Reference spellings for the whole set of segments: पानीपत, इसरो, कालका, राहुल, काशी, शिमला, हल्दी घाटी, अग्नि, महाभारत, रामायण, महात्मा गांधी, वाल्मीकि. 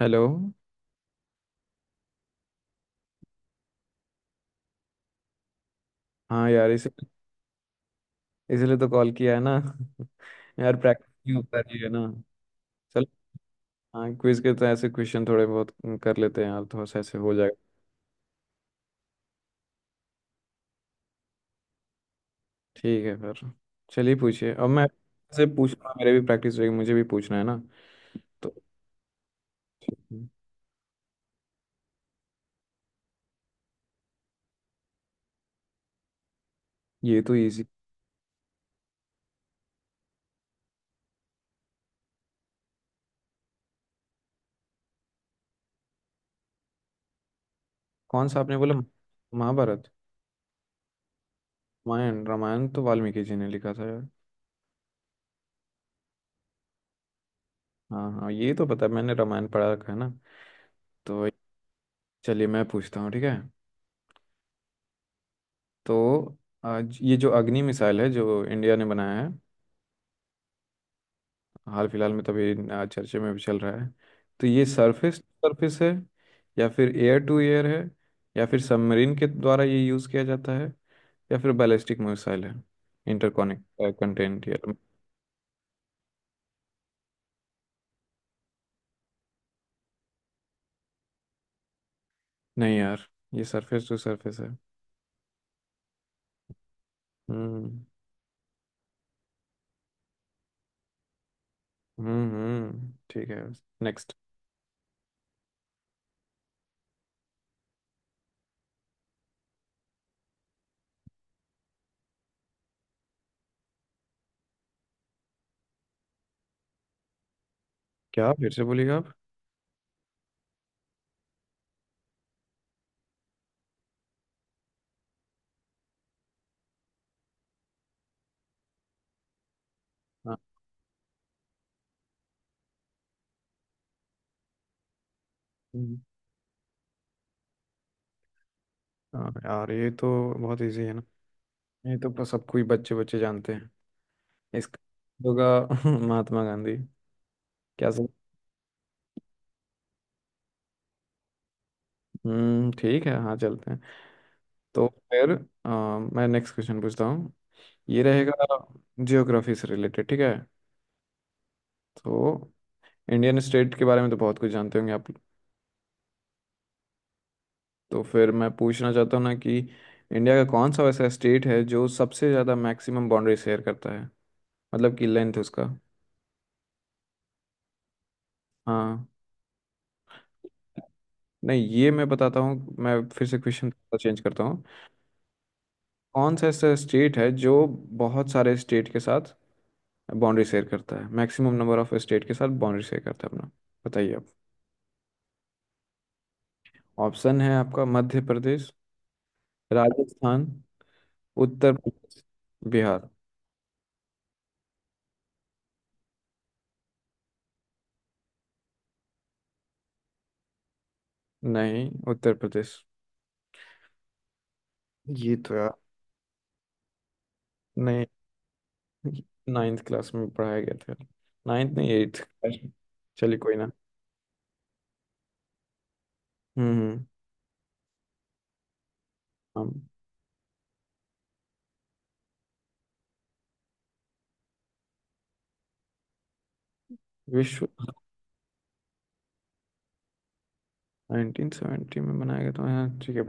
Hello. हाँ यार, इस इसलिए तो कॉल किया है ना। यार, प्रैक्टिस नहीं हो पा रही है ना। चल, हाँ क्विज के तो ऐसे क्वेश्चन थोड़े बहुत कर लेते हैं यार, थोड़ा सा ऐसे हो जाएगा। ठीक है फिर, चलिए पूछिए। अब मैं से पूछना, मेरे भी प्रैक्टिस रहेगी, मुझे भी पूछना है ना। तो ये तो इजी। कौन सा आपने बोला, महाभारत? रामायण रामायण तो वाल्मीकि जी ने लिखा था यार। हाँ हाँ, ये तो पता है, मैंने रामायण पढ़ा रखा है ना। तो चलिए मैं पूछता हूँ, ठीक है। तो आज ये जो अग्नि मिसाइल है जो इंडिया ने बनाया है, हाल फिलहाल में तभी चर्चे में भी चल रहा है। तो ये सरफेस सरफेस है, या फिर एयर टू एयर है, या फिर सबमरीन के द्वारा ये यूज़ किया जाता है, या फिर बैलिस्टिक मिसाइल है। इंटरकॉनेक्ट कंटेंट यार। नहीं यार, ये सरफेस टू सरफेस है। हम्म ठीक है। नेक्स्ट। क्या फिर से बोलिएगा आप? हाँ। हम्म। हाँ यार, ये तो बहुत इजी है ना। ये तो सबको ही बच्चे बच्चे जानते हैं। इसका होगा महात्मा गांधी। क्या सर। ठीक है, हाँ चलते हैं। तो फिर मैं नेक्स्ट क्वेश्चन पूछता हूँ। ये रहेगा जियोग्राफी से रिलेटेड, ठीक है। तो इंडियन स्टेट के बारे में तो बहुत कुछ जानते होंगे आप। तो फिर मैं पूछना चाहता हूँ ना कि इंडिया का कौन सा वैसा स्टेट है जो सबसे ज़्यादा मैक्सिमम बाउंड्री शेयर करता है, मतलब कि लेंथ उसका। हाँ। नहीं, ये मैं बताता हूँ, मैं फिर से क्वेश्चन चेंज करता हूँ। कौन सा ऐसा स्टेट है जो बहुत सारे स्टेट के साथ बाउंड्री शेयर करता है, मैक्सिमम नंबर ऑफ स्टेट के साथ बाउंड्री शेयर करता है अपना। बताइए आप। ऑप्शन है आपका, मध्य प्रदेश, राजस्थान, उत्तर प्रदेश, बिहार। नहीं, उत्तर प्रदेश। ये तो यार। नहीं, नाइन्थ क्लास में पढ़ाया गया था, नाइन्थ नहीं एट्थ क्लास में। चलिए कोई ना। हम्म हम्म, हम विश्व 1970 में बनाया गया था, हाँ ठीक है।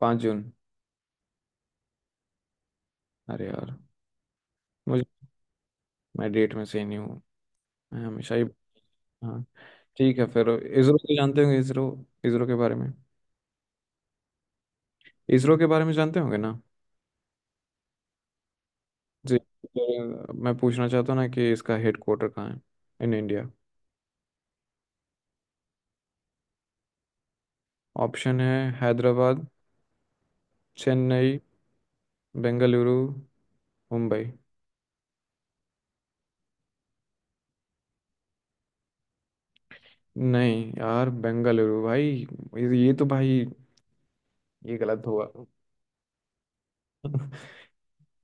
5 जून। अरे यार, मुझे, मैं डेट में सही नहीं हूँ, मैं हमेशा ही। हाँ, ठीक है फिर। इसरो तो जानते होंगे, इसरो, इसरो के बारे में, इसरो के बारे में जानते होंगे ना। जी, तो मैं पूछना चाहता हूँ ना कि इसका हेड क्वार्टर कहाँ है इन इंडिया। ऑप्शन है, हैदराबाद, चेन्नई, बेंगलुरु, मुंबई। नहीं यार, बेंगलुरु भाई। ये तो भाई, ये गलत होगा।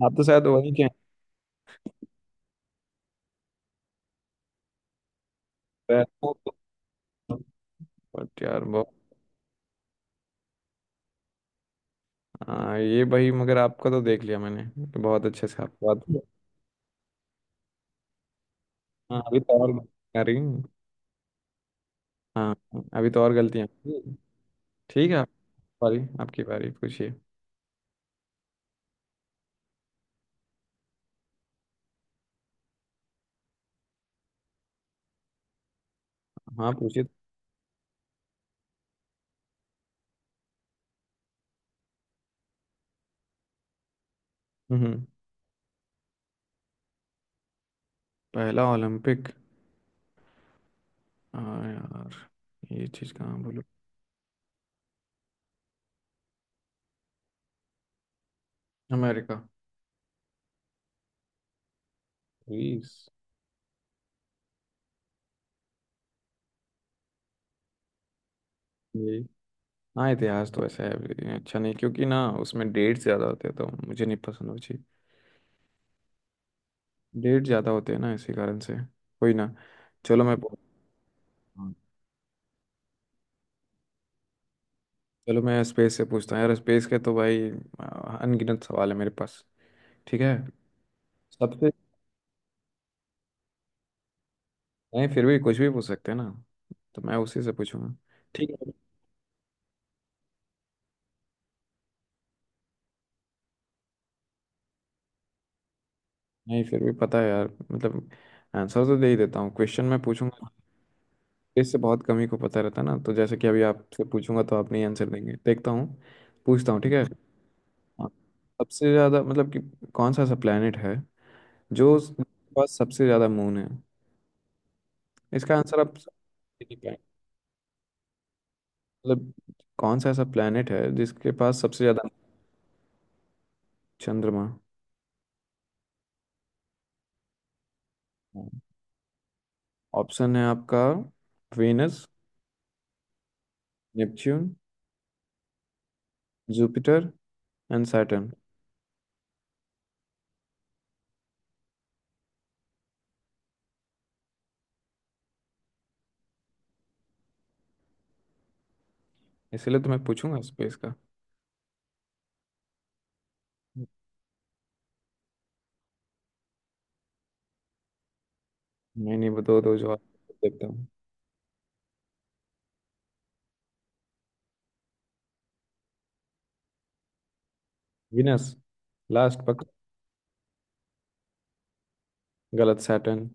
आप तो शायद वही के हैं। बट यार बहुत, हाँ ये भाई, मगर आपका तो देख लिया मैंने, तो बहुत अच्छे से आपको बात किया। हाँ अभी तो और आ रही। हाँ अभी तो और गलतियाँ, ठीक है आपकी बारी, आपकी बारी पूछिए। हाँ पूछिए। हम्म हम्म। पहला ओलंपिक? हाँ यार, ये चीज़ कहाँ बोलो। अमेरिका। ग्रीस। ये, हाँ इतिहास तो ऐसा है, ये अच्छा नहीं क्योंकि ना उसमें डेट ज़्यादा होते हैं, तो मुझे नहीं पसंद वो चीज़, डेट ज़्यादा होते हैं ना इसी कारण से। कोई ना, चलो मैं हाँ। चलो मैं स्पेस से पूछता हूँ यार, स्पेस के तो भाई आ, अनगिनत सवाल है मेरे पास, ठीक है। सबसे, नहीं फिर भी कुछ भी पूछ सकते हैं ना, तो मैं उसी से पूछूंगा। ठीक है, नहीं फिर भी पता है यार, मतलब आंसर तो दे ही देता हूँ, क्वेश्चन मैं पूछूंगा इससे बहुत कम ही को पता रहता ना, तो जैसे कि अभी आपसे पूछूंगा तो आप नहीं आंसर देंगे, देखता हूँ। पूछता हूँ, ठीक है। हाँ। सबसे ज़्यादा मतलब कि कौन सा ऐसा प्लेनेट है जो उसके पास सबसे ज़्यादा मून है, इसका आंसर आप सब दे नहीं पाएंगे। मतलब कौन सा ऐसा प्लेनेट है जिसके पास सबसे ज़्यादा चंद्रमा? ऑप्शन है आपका, Venus, Neptune, Jupiter and Saturn. इसीलिए तो मैं पूछूंगा स्पेस का। नहीं नहीं, बताओ दो जो आप, देखता हूँ। वीनस लास्ट पक। गलत, सैटर्न।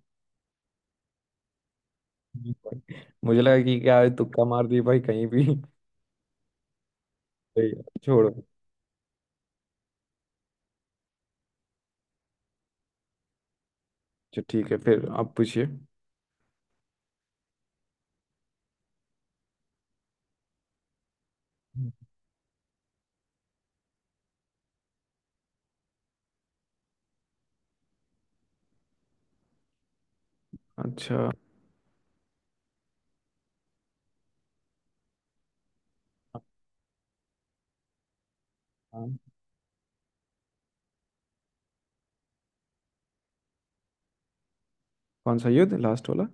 मुझे लगा कि क्या है, तुक्का मार दिए भाई कहीं भी। सही है, छोड़ो, अच्छा। ठीक है फिर, आप पूछिए। अच्छा। हाँ, कौन सा युद्ध? लास्ट वाला।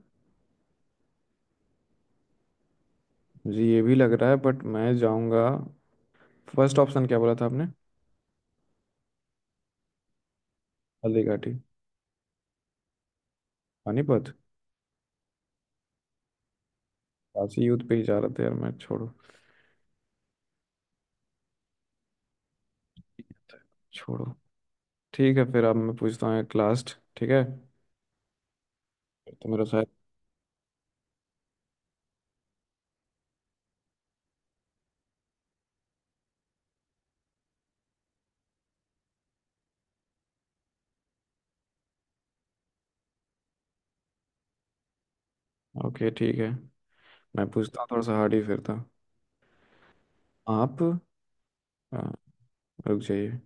मुझे ये भी लग रहा है, बट मैं जाऊंगा फर्स्ट ऑप्शन। क्या बोला था आपने, हल्दी घाटी? पानीपत। काशी युद्ध पे ही जा रहे थे यार मैं, छोड़ो। छोड़ो। ठीक है फिर, अब मैं पूछता हूँ एक लास्ट, ठीक है फिर। तो मेरा शायद, ओके ठीक है, मैं पूछता हूँ थोड़ा सा हार्ड ही फिर था। आप, हाँ रुक जाइए,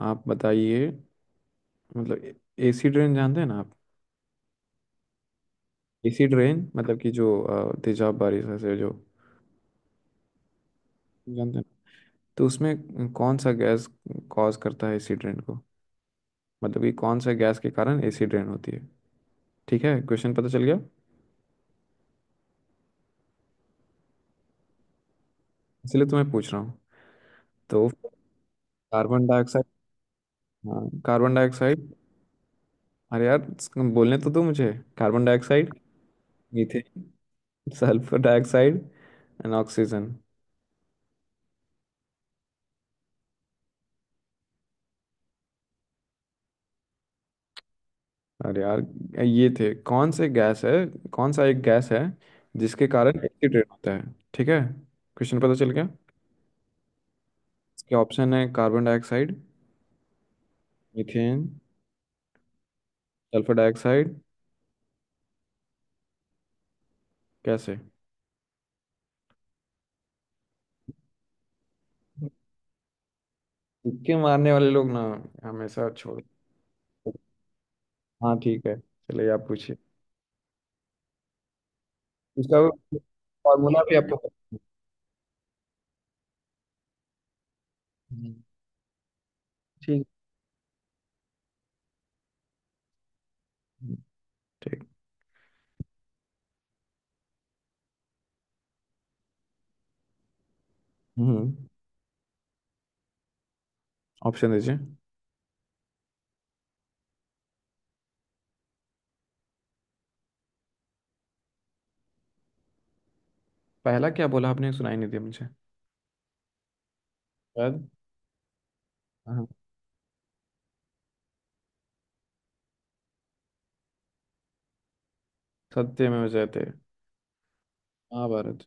आप बताइए। मतलब एसी ट्रेन जानते हैं ना आप, एसी ड्रेन, मतलब कि जो तेजाब बारिश से, जो जानते हैं। तो उसमें कौन सा गैस कॉज करता है एसी ड्रेन को, मतलब कि कौन सा गैस के कारण एसी ड्रेन होती है, ठीक है क्वेश्चन पता चल गया। इसलिए तुम्हें पूछ रहा हूँ। तो कार्बन डाइऑक्साइड। हाँ, कार्बन डाइऑक्साइड। अरे यार, बोलने तो दो मुझे। Carbon dioxide, methane, sulphur dioxide and oxygen. अरे यार, ये थे कौन से गैस है, कौन सा एक गैस है जिसके कारण एसी ड्रेन होता है, ठीक है क्वेश्चन पता चल गया। इसके ऑप्शन है, carbon dioxide, methane, sulphur dioxide. कैसे? तुक्के मारने वाले लोग ना, हमेशा छोड़। हाँ ठीक है, चलिए आप पूछिए। इसका फॉर्मूला भी आपको पता- हम्म, ठीक, ठीक। हम्म। ऑप्शन दीजिए। पहला क्या बोला आपने, सुनाई नहीं दिया मुझे, शायद। हाँ। सत्य में जयते, महाभारत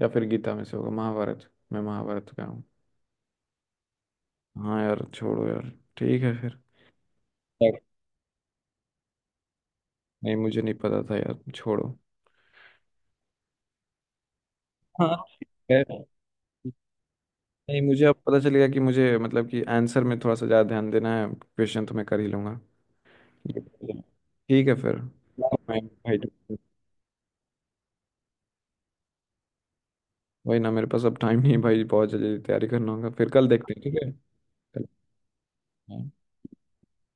या फिर गीता में से होगा, महाभारत, मैं महाभारत का हूँ। हाँ यार छोड़ो यार। ठीक है फिर। नहीं मुझे नहीं पता था यार, छोड़ो। हाँ ठीक है। नहीं मुझे अब पता चलेगा कि मुझे, मतलब कि आंसर में थोड़ा सा ज़्यादा ध्यान देना है, क्वेश्चन तो मैं कर ही लूँगा। ठीक है फिर भाई भाई- वही ना, मेरे पास अब टाइम नहीं है भाई, बहुत जल्दी तैयारी करना होगा, फिर कल देखते हैं, ठीक है। कल- हाँ।